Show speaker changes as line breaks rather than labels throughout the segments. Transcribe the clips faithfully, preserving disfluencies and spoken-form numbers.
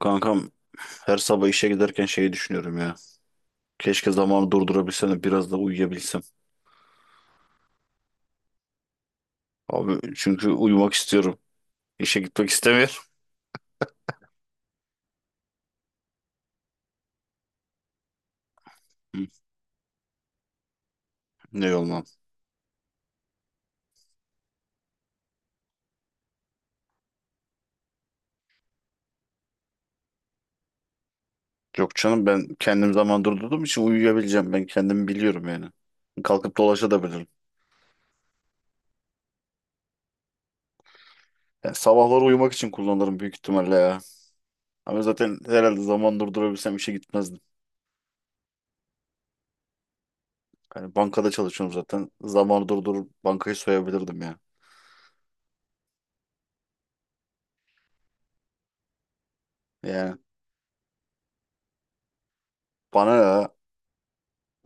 Kankam, her sabah işe giderken şeyi düşünüyorum ya. Keşke zamanı durdurabilsem de biraz da uyuyabilsem. Abi çünkü uyumak istiyorum. İşe gitmek istemiyorum. Hı, ne olmam? Yok canım, ben kendim zaman durdurduğum için uyuyabileceğim. Ben kendimi biliyorum yani. Kalkıp dolaşabilirim. Yani sabahları uyumak için kullanırım büyük ihtimalle ya. Ama zaten herhalde zaman durdurabilsem işe gitmezdim. Yani bankada çalışıyorum zaten. Zamanı durdurup bankayı soyabilirdim ya. Yani bana ne ya?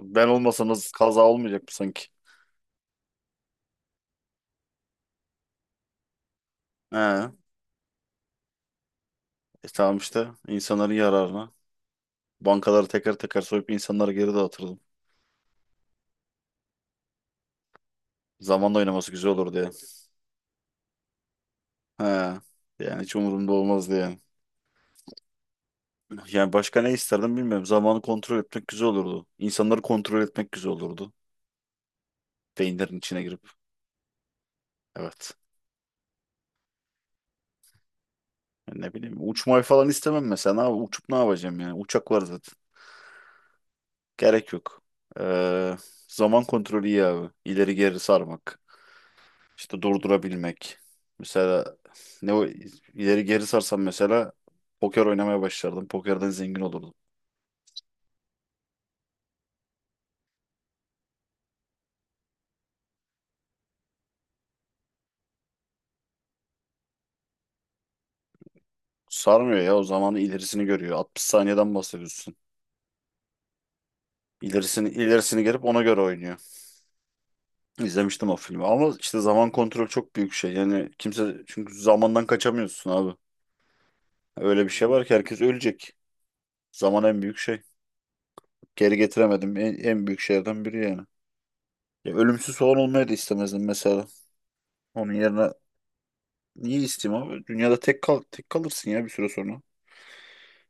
Ben olmasam nasıl kaza olmayacak mı sanki? He. E, tamam, işte insanların yararına. Bankaları teker teker soyup insanları geri dağıtırdım. Zamanla oynaması güzel olur diye. He. Yani hiç umurumda olmaz diye. Yani başka ne isterdim bilmiyorum. Zamanı kontrol etmek güzel olurdu. İnsanları kontrol etmek güzel olurdu. Beyinlerin içine girip. Evet. Yani ne bileyim. Uçmayı falan istemem mesela. Ne yap- uçup ne yapacağım yani? Uçak var zaten. Gerek yok. Ee, zaman kontrolü iyi abi. İleri geri sarmak. İşte durdurabilmek. Mesela ne o ileri geri sarsam mesela poker oynamaya başlardım. Pokerden zengin olurdum. Sarmıyor ya, o zamanı ilerisini görüyor. altmış saniyeden bahsediyorsun. İlerisini ilerisini gelip ona göre oynuyor. İzlemiştim o filmi ama işte zaman kontrolü çok büyük şey. Yani kimse, çünkü zamandan kaçamıyorsun abi. Öyle bir şey var ki herkes ölecek. Zaman en büyük şey. Geri getiremedim, en, en büyük şeylerden biri yani. Ya ölümsüz falan olmayı da istemezdim mesela. Onun yerine. Niye isteyeyim abi? Dünyada tek kal tek kalırsın ya bir süre sonra.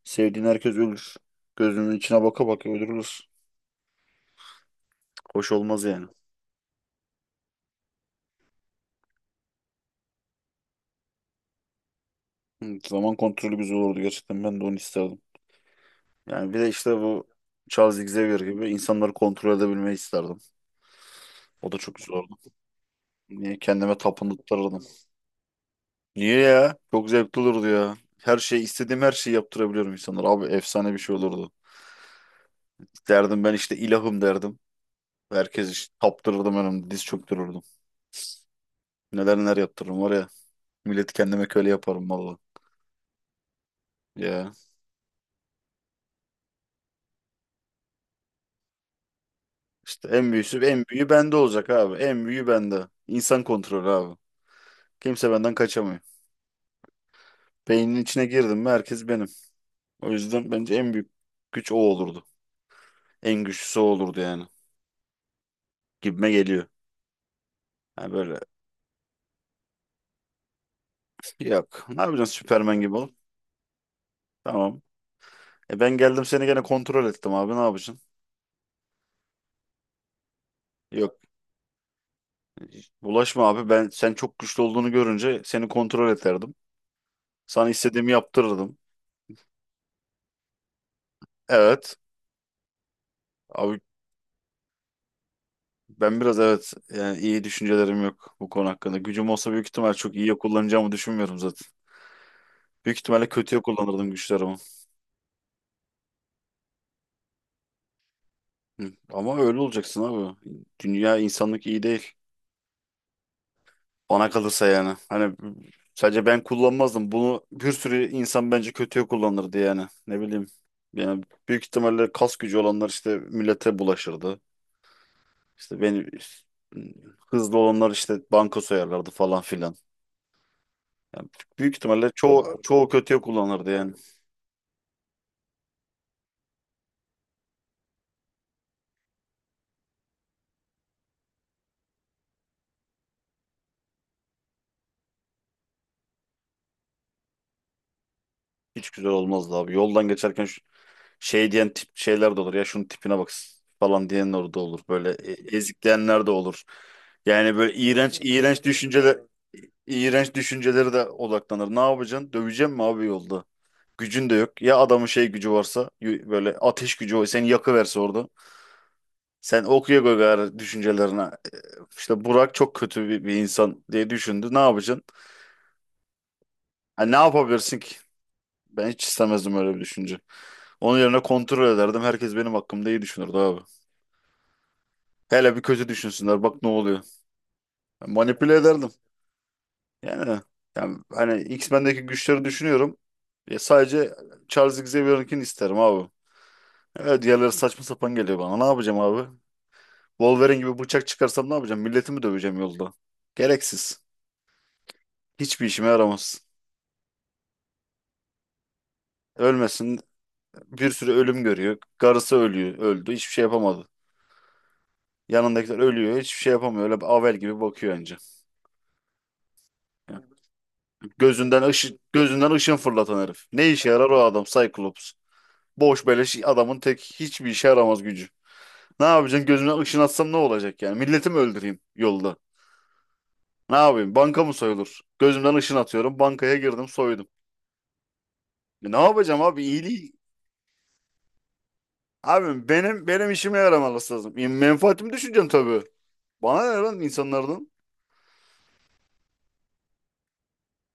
Sevdiğin herkes ölür. Gözünün içine baka baka öldürülür. Hoş olmaz yani. Hı, zaman kontrolü güzel olurdu gerçekten. Ben de onu isterdim. Yani bir de işte bu Charles Xavier gibi insanları kontrol edebilmeyi isterdim. O da çok güzel olurdu. Niye, kendime tapındırırdım. Niye ya? Çok zevkli olurdu ya. Her şey istediğim her şeyi yaptırabiliyorum insanlara. Abi efsane bir şey olurdu. Derdim ben işte, ilahım derdim. Herkes, işte taptırırdım önümde, diz çöktürürdüm. Neler neler yaptırırım var ya. Milleti kendime köle yaparım valla. Ya işte en büyüsü en büyüğü bende olacak abi. En büyüğü bende. İnsan kontrolü abi. Kimse benden kaçamıyor. Beynin içine girdim mi herkes benim. O yüzden bence en büyük güç o olurdu. En güçlüsü o olurdu yani. Gibime geliyor. Yani böyle, yok. Ne yapacaksın Süpermen gibi ol. Tamam. E ben geldim seni gene kontrol ettim abi, ne yapacaksın? Yok. Bulaşma abi, ben sen çok güçlü olduğunu görünce seni kontrol ederdim. Sana istediğimi yaptırırdım. Evet. Abi, ben biraz, evet, yani iyi düşüncelerim yok bu konu hakkında. Gücüm olsa büyük ihtimal çok iyiye kullanacağımı düşünmüyorum zaten. Büyük ihtimalle kötüye kullanırdım güçlerimi. Hı. Ama öyle olacaksın abi. Dünya, insanlık iyi değil. Bana kalırsa yani. Hani, sadece ben kullanmazdım. Bunu bir sürü insan bence kötüye kullanırdı yani. Ne bileyim. Yani büyük ihtimalle kas gücü olanlar işte millete bulaşırdı. İşte beni hızlı olanlar işte banka soyarlardı falan filan. Yani büyük ihtimalle çoğu çoğu kötüye kullanırdı yani. Hiç güzel olmazdı abi. Yoldan geçerken şu, şey diyen tip şeyler de olur. Ya şunun tipine bak falan diyenler de olur. Böyle e- ezikleyenler de olur. Yani böyle iğrenç iğrenç düşünceler, iğrenç düşünceleri de odaklanır. Ne yapacaksın? Döveceğim mi abi yolda? Gücün de yok. Ya adamın şey gücü varsa, y- böyle ateş gücü var. Seni yakıverse orada. Sen okuya koy gayrı düşüncelerine. E, İşte Burak çok kötü bir, bir insan diye düşündü. Ne yapacaksın? Ha, ne yapabilirsin ki? Ben hiç istemezdim öyle bir düşünce. Onun yerine kontrol ederdim. Herkes benim hakkımda iyi düşünürdü abi. Hele bir kötü düşünsünler. Bak ne oluyor. Manipüle ederdim. Yani, yani hani X-Men'deki güçleri düşünüyorum. Ya sadece Charles Xavier'ınkini isterim abi. Evet, diğerleri saçma sapan geliyor bana. Ne yapacağım abi? Wolverine gibi bıçak çıkarsam ne yapacağım? Milleti mi döveceğim yolda? Gereksiz. Hiçbir işime yaramaz. Ölmesin. Bir sürü ölüm görüyor. Karısı ölüyor. Öldü. Hiçbir şey yapamadı. Yanındakiler ölüyor. Hiçbir şey yapamıyor. Öyle avel gibi bakıyor önce. Yani gözünden ışın, gözünden ışın fırlatan herif. Ne işe yarar o adam Cyclops? Boş beleş adamın tek, hiçbir işe yaramaz gücü. Ne yapacaksın? Gözümden ışın atsam ne olacak yani? Milleti mi öldüreyim yolda? Ne yapayım? Banka mı soyulur? Gözümden ışın atıyorum. Bankaya girdim, soydum. E ne yapacağım abi? İyiliği. Abi benim benim işime yaramaması lazım. E, menfaatimi düşüneceğim tabii. Bana ne lan insanlardan?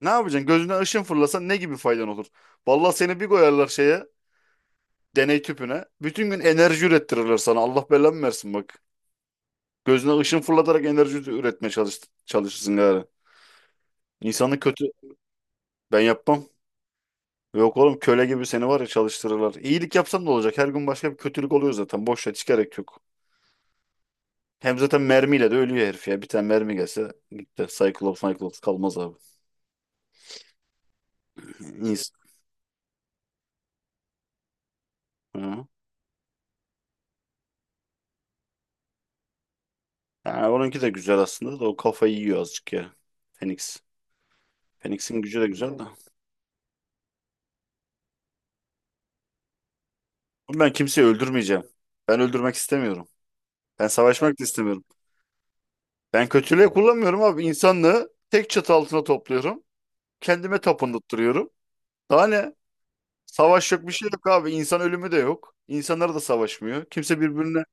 Ne yapacaksın? Gözünden ışın fırlasan ne gibi faydan olur? Vallahi seni bir koyarlar şeye, deney tüpüne. Bütün gün enerji ürettirirler sana. Allah belanı versin bak. Gözüne ışın fırlatarak enerji üretmeye çalış, çalışırsın gari. İnsanı kötü, ben yapmam. Yok oğlum, köle gibi seni var ya çalıştırırlar. İyilik yapsan da olacak. Her gün başka bir kötülük oluyor zaten. Boş ver, hiç gerek yok. Hem zaten mermiyle de ölüyor herif ya. Bir tane mermi gelse gitti. Cyclops, Cyclops kalmaz abi. İnsan. Ha. Yani onunki de güzel aslında da o kafayı yiyor azıcık ya. Phoenix. Phoenix'in gücü de güzel de. Oğlum, ben kimseyi öldürmeyeceğim. Ben öldürmek istemiyorum. Ben savaşmak da istemiyorum. Ben kötülüğe kullanmıyorum abi. İnsanlığı tek çatı altına topluyorum. Kendime tapındırıyorum. Daha ne? Savaş yok, bir şey yok abi. İnsan ölümü de yok. İnsanlar da savaşmıyor. Kimse birbirine...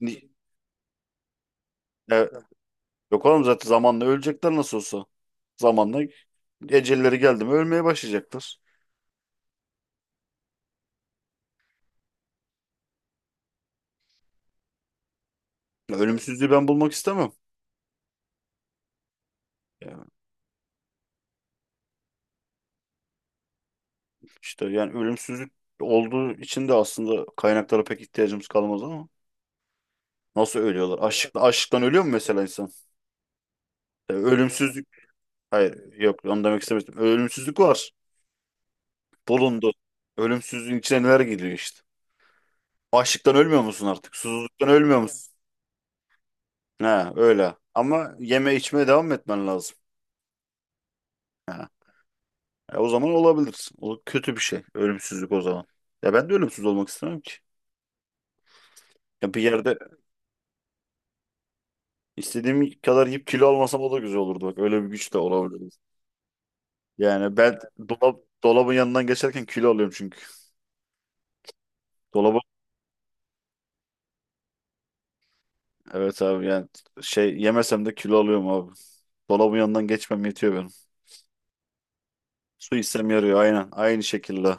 Ni- E, yok oğlum, zaten zamanla ölecekler nasıl olsa. Zamanla ecelleri geldi mi ölmeye başlayacaklar. Ya, ölümsüzlüğü ben bulmak istemem. Yani işte yani ölümsüzlük olduğu için de aslında kaynaklara pek ihtiyacımız kalmaz ama. Nasıl ölüyorlar? Açlıkla, açlıktan ölüyor mu mesela insan? Ya ölümsüzlük. Hayır, yok, onu demek istemiştim. Ölümsüzlük var. Bulundu. Ölümsüzlüğün içine neler geliyor işte. Açlıktan ölmüyor musun artık? Susuzluktan ölmüyor musun? Ha öyle. Ama yeme içmeye devam etmen lazım. Ha. E, o zaman olabilir. O kötü bir şey. Ölümsüzlük o zaman. Ya ben de ölümsüz olmak istemem ki. Ya bir yerde istediğim kadar yiyip kilo almasam o da güzel olurdu. Bak, öyle bir güç de olabilir. Yani ben dolap, dolabın yanından geçerken kilo alıyorum çünkü. Dolaba evet abi, yani şey, yemesem de kilo alıyorum abi. Dolabın yanından geçmem yetiyor benim. Su içsem yarıyor aynen. Aynı şekilde.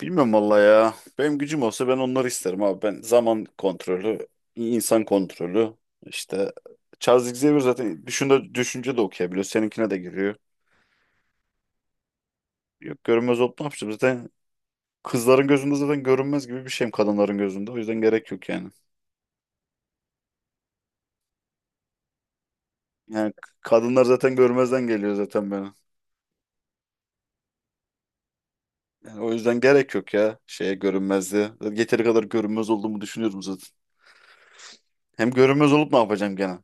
Bilmiyorum valla ya. Benim gücüm olsa ben onları isterim abi. Ben zaman kontrolü, insan kontrolü. İşte Charles Xavier zaten düşünce, düşünce de okuyabiliyor. Seninkine de giriyor. Yok, görünmez olup ne yapacağım? Zaten kızların gözünde zaten görünmez gibi bir şeyim, kadınların gözünde. O yüzden gerek yok yani. Yani k- kadınlar zaten görmezden geliyor zaten beni. Yani o yüzden gerek yok ya şeye, görünmezliğe. Zaten yeteri kadar görünmez olduğumu düşünüyorum zaten. Hem görünmez olup ne yapacağım gene?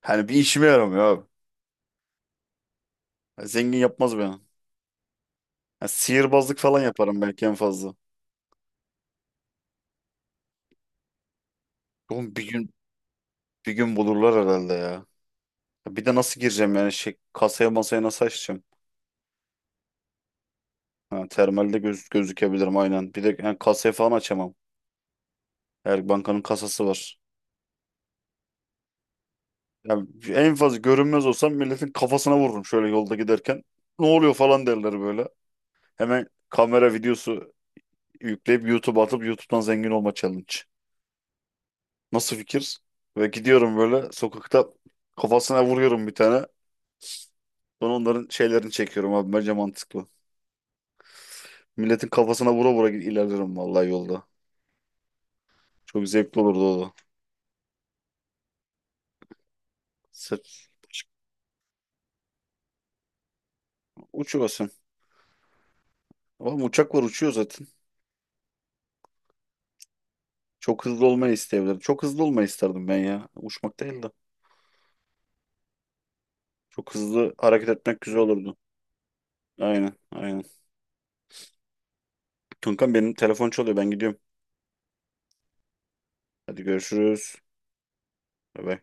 Hani bir işime yaramıyor abi. Ya, zengin yapmaz beni. Ya sihirbazlık falan yaparım belki en fazla. Oğlum bir gün bir gün bulurlar herhalde ya. Ya bir de nasıl gireceğim yani, şey, kasaya masaya nasıl açacağım? Ha, termalde göz, gözükebilirim aynen. Bir de yani kasaya falan açamam. Her bankanın kasası var. Yani en fazla görünmez olsam milletin kafasına vururum şöyle yolda giderken. Ne oluyor falan derler böyle. Hemen kamera videosu yükleyip YouTube'a atıp YouTube'dan zengin olma challenge. Nasıl fikir? Ve gidiyorum böyle sokakta, kafasına vuruyorum bir tane. Sonra onların şeylerini çekiyorum abi. Bence mantıklı. Milletin kafasına vura vura gid- ilerlerim vallahi yolda. Çok zevkli olurdu o da. Sırf, uçuyorsun. Ama uçak var, uçuyor zaten. Çok hızlı olmayı isteyebilirim. Çok hızlı olmayı isterdim ben ya. Uçmak değil de. Çok hızlı hareket etmek güzel olurdu. Aynen aynen. Kankam benim telefon çalıyor, ben gidiyorum. Hadi görüşürüz. Bay bay.